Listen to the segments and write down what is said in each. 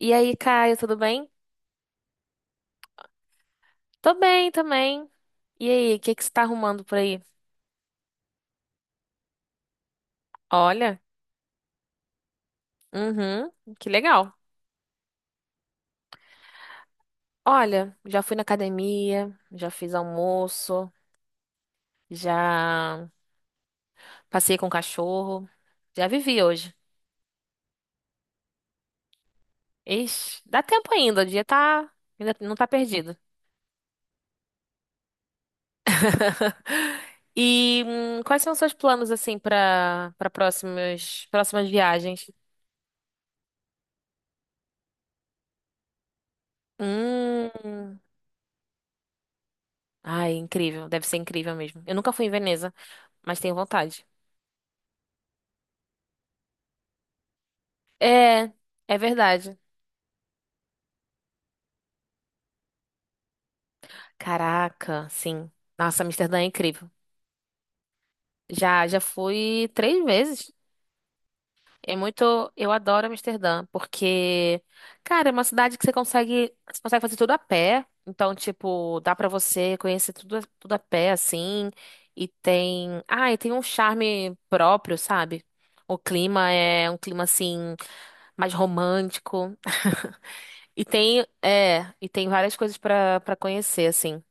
E aí, Caio, tudo bem? Tô bem também. E aí, o que que você tá arrumando por aí? Olha. Uhum. Que legal. Olha, já fui na academia, já fiz almoço, já passei com o cachorro, já vivi hoje. Ixi, dá tempo ainda, o dia tá, ainda não tá perdido. E quais são os seus planos assim pra para próximas viagens? Hum, ai, incrível, deve ser incrível mesmo. Eu nunca fui em Veneza, mas tenho vontade. É, é verdade. Caraca, sim. Nossa, Amsterdã é incrível. Já, já fui três vezes. É muito, eu adoro Amsterdã, porque, cara, é uma cidade que você consegue fazer tudo a pé. Então, tipo, dá pra você conhecer tudo, tudo a pé, assim. E tem um charme próprio, sabe? O clima é um clima assim mais romântico. E tem várias coisas pra para conhecer, assim.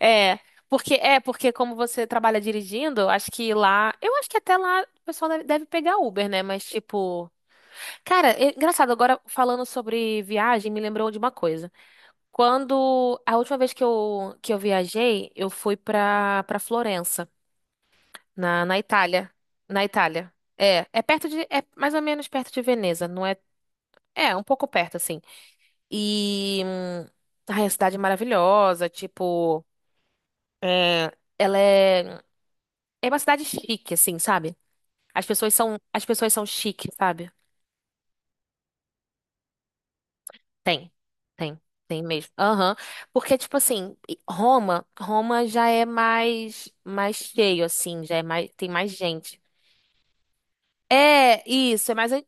É, porque como você trabalha dirigindo, acho que lá, eu acho que até lá o pessoal deve pegar Uber, né? Mas tipo, cara, é engraçado agora falando sobre viagem, me lembrou de uma coisa. Quando a última vez que eu viajei, eu fui pra para Florença, na Itália, na Itália. É, é perto de é mais ou menos perto de Veneza, não é? É, um pouco perto assim. E ai, a cidade é maravilhosa, tipo, é, ela é É uma cidade chique, assim, sabe? As pessoas são chique, sabe? Tem, tem, tem mesmo. Aham. Porque, tipo assim, Roma já é mais cheio, assim, já é mais, tem mais gente. É, isso, é mais,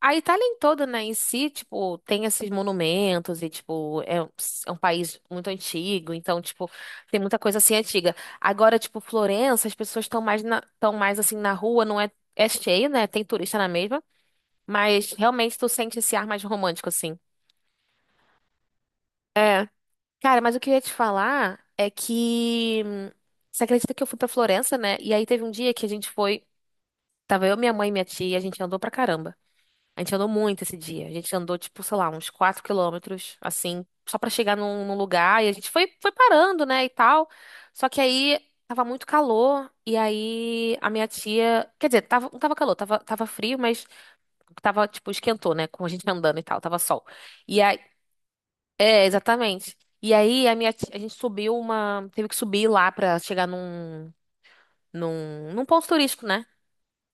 a Itália em toda, né, em si, tipo, tem esses monumentos e, tipo, é um país muito antigo, então, tipo, tem muita coisa assim antiga. Agora, tipo, Florença, as pessoas estão mais, assim, na rua, não é, é cheio, né, tem turista na mesma. Mas realmente tu sente esse ar mais romântico, assim. É. Cara, mas o que eu ia te falar é que você acredita que eu fui pra Florença, né? E aí teve um dia que a gente foi. Tava eu, minha mãe e minha tia, a gente andou pra caramba. A gente andou muito esse dia. A gente andou, tipo, sei lá, uns 4 quilômetros, assim, só pra chegar num lugar. E a gente foi parando, né, e tal. Só que aí tava muito calor. E aí a minha tia. Quer dizer, tava, não tava calor, tava frio, mas tava, tipo, esquentou, né? Com a gente andando e tal, tava sol. E aí. É, exatamente. E aí a gente subiu uma, teve que subir lá pra chegar num ponto turístico, né?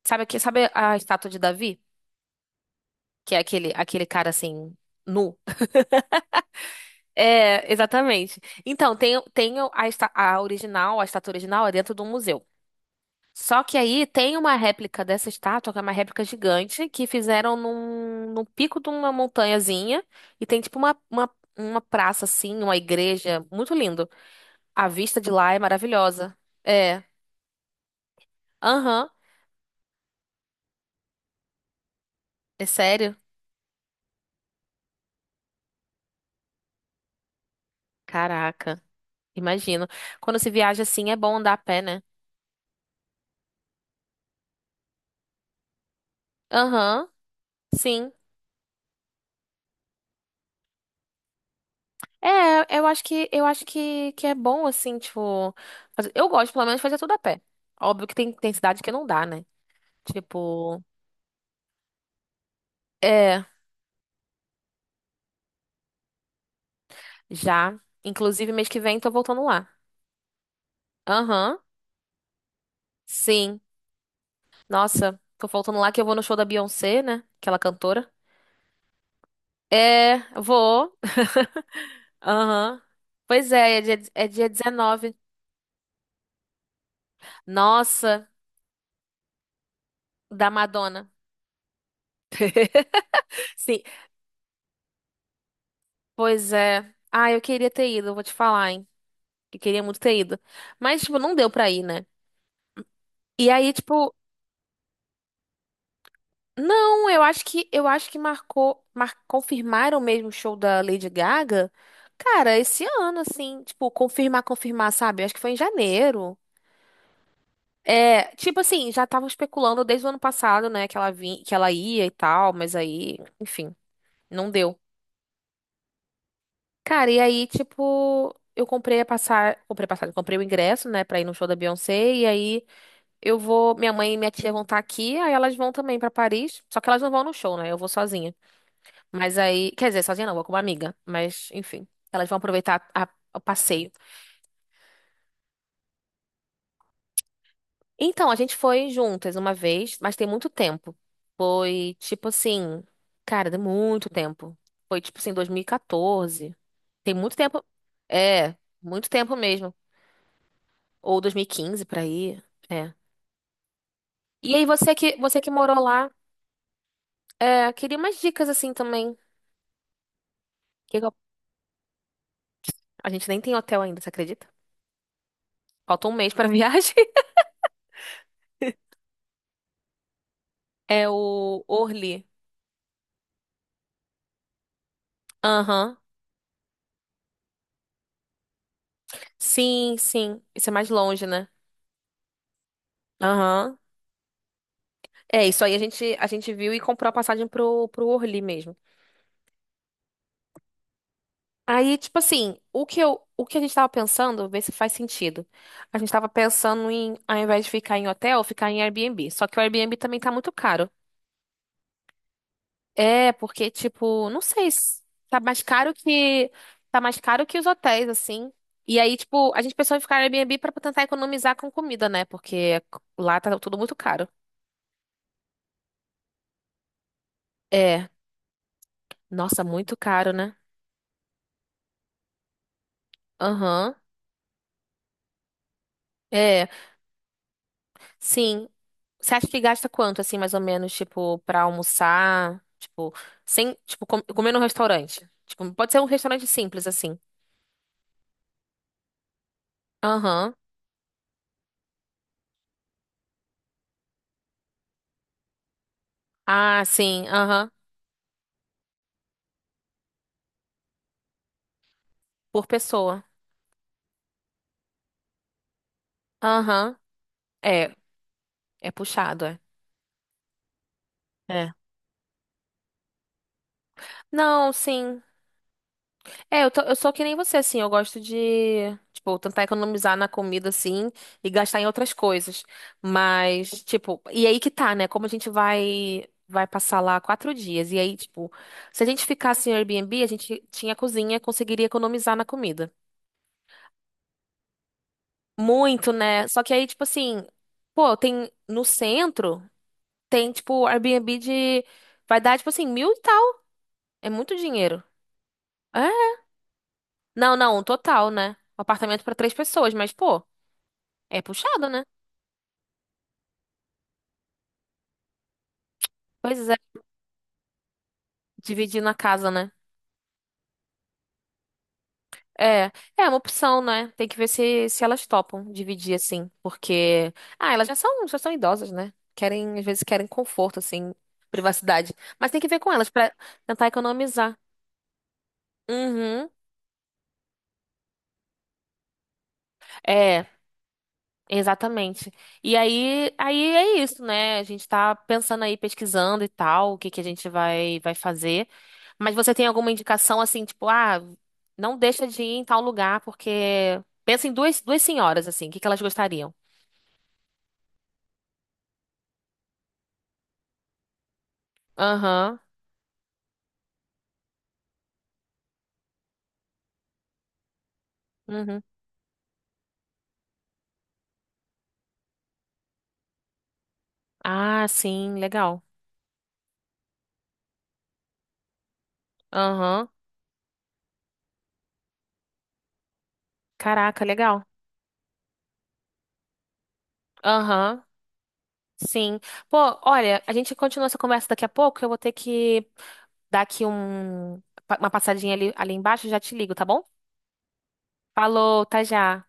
Sabe a estátua de Davi, que é aquele cara assim nu? É, exatamente. Então, tem a estátua original é dentro de um museu. Só que aí tem uma réplica dessa estátua, que é uma réplica gigante, que fizeram num pico de uma montanhazinha, e tem tipo uma praça assim, uma igreja, muito lindo. A vista de lá é maravilhosa. É. Aham. É sério? Caraca. Imagino. Quando se viaja assim, é bom andar a pé, né? Aham. Sim. É, eu acho que é bom assim, tipo, eu gosto pelo menos de fazer tudo a pé. Óbvio que tem cidade que não dá, né? Tipo, é, já, inclusive mês que vem tô voltando lá. Aham. Sim. Nossa, tô voltando lá que eu vou no show da Beyoncé, né? Aquela cantora. É, vou. Aham. Pois é, é dia 19. Nossa, da Madonna. Sim, pois é. Ah, eu queria ter ido, eu vou te falar, hein? Eu queria muito ter ido. Mas, tipo, não deu pra ir, né? E aí, tipo, não, eu acho que marcou, confirmaram mesmo o show da Lady Gaga. Cara, esse ano, assim, tipo, confirmar, confirmar, sabe? Eu acho que foi em janeiro. É, tipo assim, já estavam especulando desde o ano passado, né, que ela vinha, que ela ia e tal, mas aí, enfim, não deu. Cara, e aí, tipo, eu comprei a passar, comprei a passagem, comprei o ingresso, né, pra ir no show da Beyoncé, e aí eu vou, minha mãe e minha tia vão estar aqui, aí elas vão também pra Paris, só que elas não vão no show, né? Eu vou sozinha. Mas aí, quer dizer, sozinha não, vou com uma amiga, mas enfim, elas vão aproveitar o passeio. Então, a gente foi juntas uma vez, mas tem muito tempo. Foi tipo assim, cara, deu muito tempo. Foi tipo assim, 2014. Tem muito tempo. É, muito tempo mesmo. Ou 2015, por aí. É. E aí, você que morou lá, queria umas dicas assim também. Que que eu- A gente nem tem hotel ainda, você acredita? Falta um mês pra viagem. É o Orly. Aham. Sim, sim. Isso é mais longe, né? Aham. É, isso aí a gente viu e comprou a passagem pro Orly mesmo. Aí, tipo assim, o que a gente tava pensando, ver se faz sentido. A gente tava pensando em, ao invés de ficar em hotel, ficar em Airbnb. Só que o Airbnb também tá muito caro. É, porque, tipo, não sei, tá mais caro que. Tá mais caro que os hotéis, assim. E aí, tipo, a gente pensou em ficar no Airbnb pra tentar economizar com comida, né? Porque lá tá tudo muito caro. É, nossa, muito caro, né? Aham. É, sim. Você acha que gasta quanto, assim, mais ou menos, tipo, pra almoçar? Tipo, sem, tipo, comer num restaurante. Tipo, pode ser um restaurante simples, assim. Aham. Ah, sim, aham. Por pessoa. Aham. É, é puxado, é. É. Não, sim. É, eu sou que nem você, assim. Eu gosto de, tipo, tentar economizar na comida, assim, e gastar em outras coisas. Mas, tipo, e aí que tá, né? Como a gente vai passar lá 4 dias. E aí, tipo, se a gente ficasse em Airbnb, a gente tinha cozinha, conseguiria economizar na comida. Muito, né? Só que aí, tipo assim, pô, tem no centro, tem, tipo, Airbnb de. Vai dar, tipo assim, mil e tal. É muito dinheiro. Não, não, um total, né? Um apartamento pra três pessoas, mas, pô, é puxado, né? Pois é, dividir na casa, né? É, é uma opção, né? Tem que ver se elas topam dividir, assim, porque... Ah, elas já são idosas, né? Às vezes querem conforto, assim, privacidade. Mas tem que ver com elas pra tentar economizar. Uhum. É. Exatamente. E aí, é isso, né? A gente tá pensando aí, pesquisando e tal, o que que a gente vai fazer. Mas você tem alguma indicação assim, tipo, não deixa de ir em tal lugar, porque pensa em duas senhoras, assim, o que que elas gostariam? Aham, uhum. Ah, sim, legal. Aham. Caraca, legal. Aham, sim. Pô, olha, a gente continua essa conversa daqui a pouco, eu vou ter que dar aqui uma passadinha ali embaixo, já te ligo, tá bom? Falou, tá já.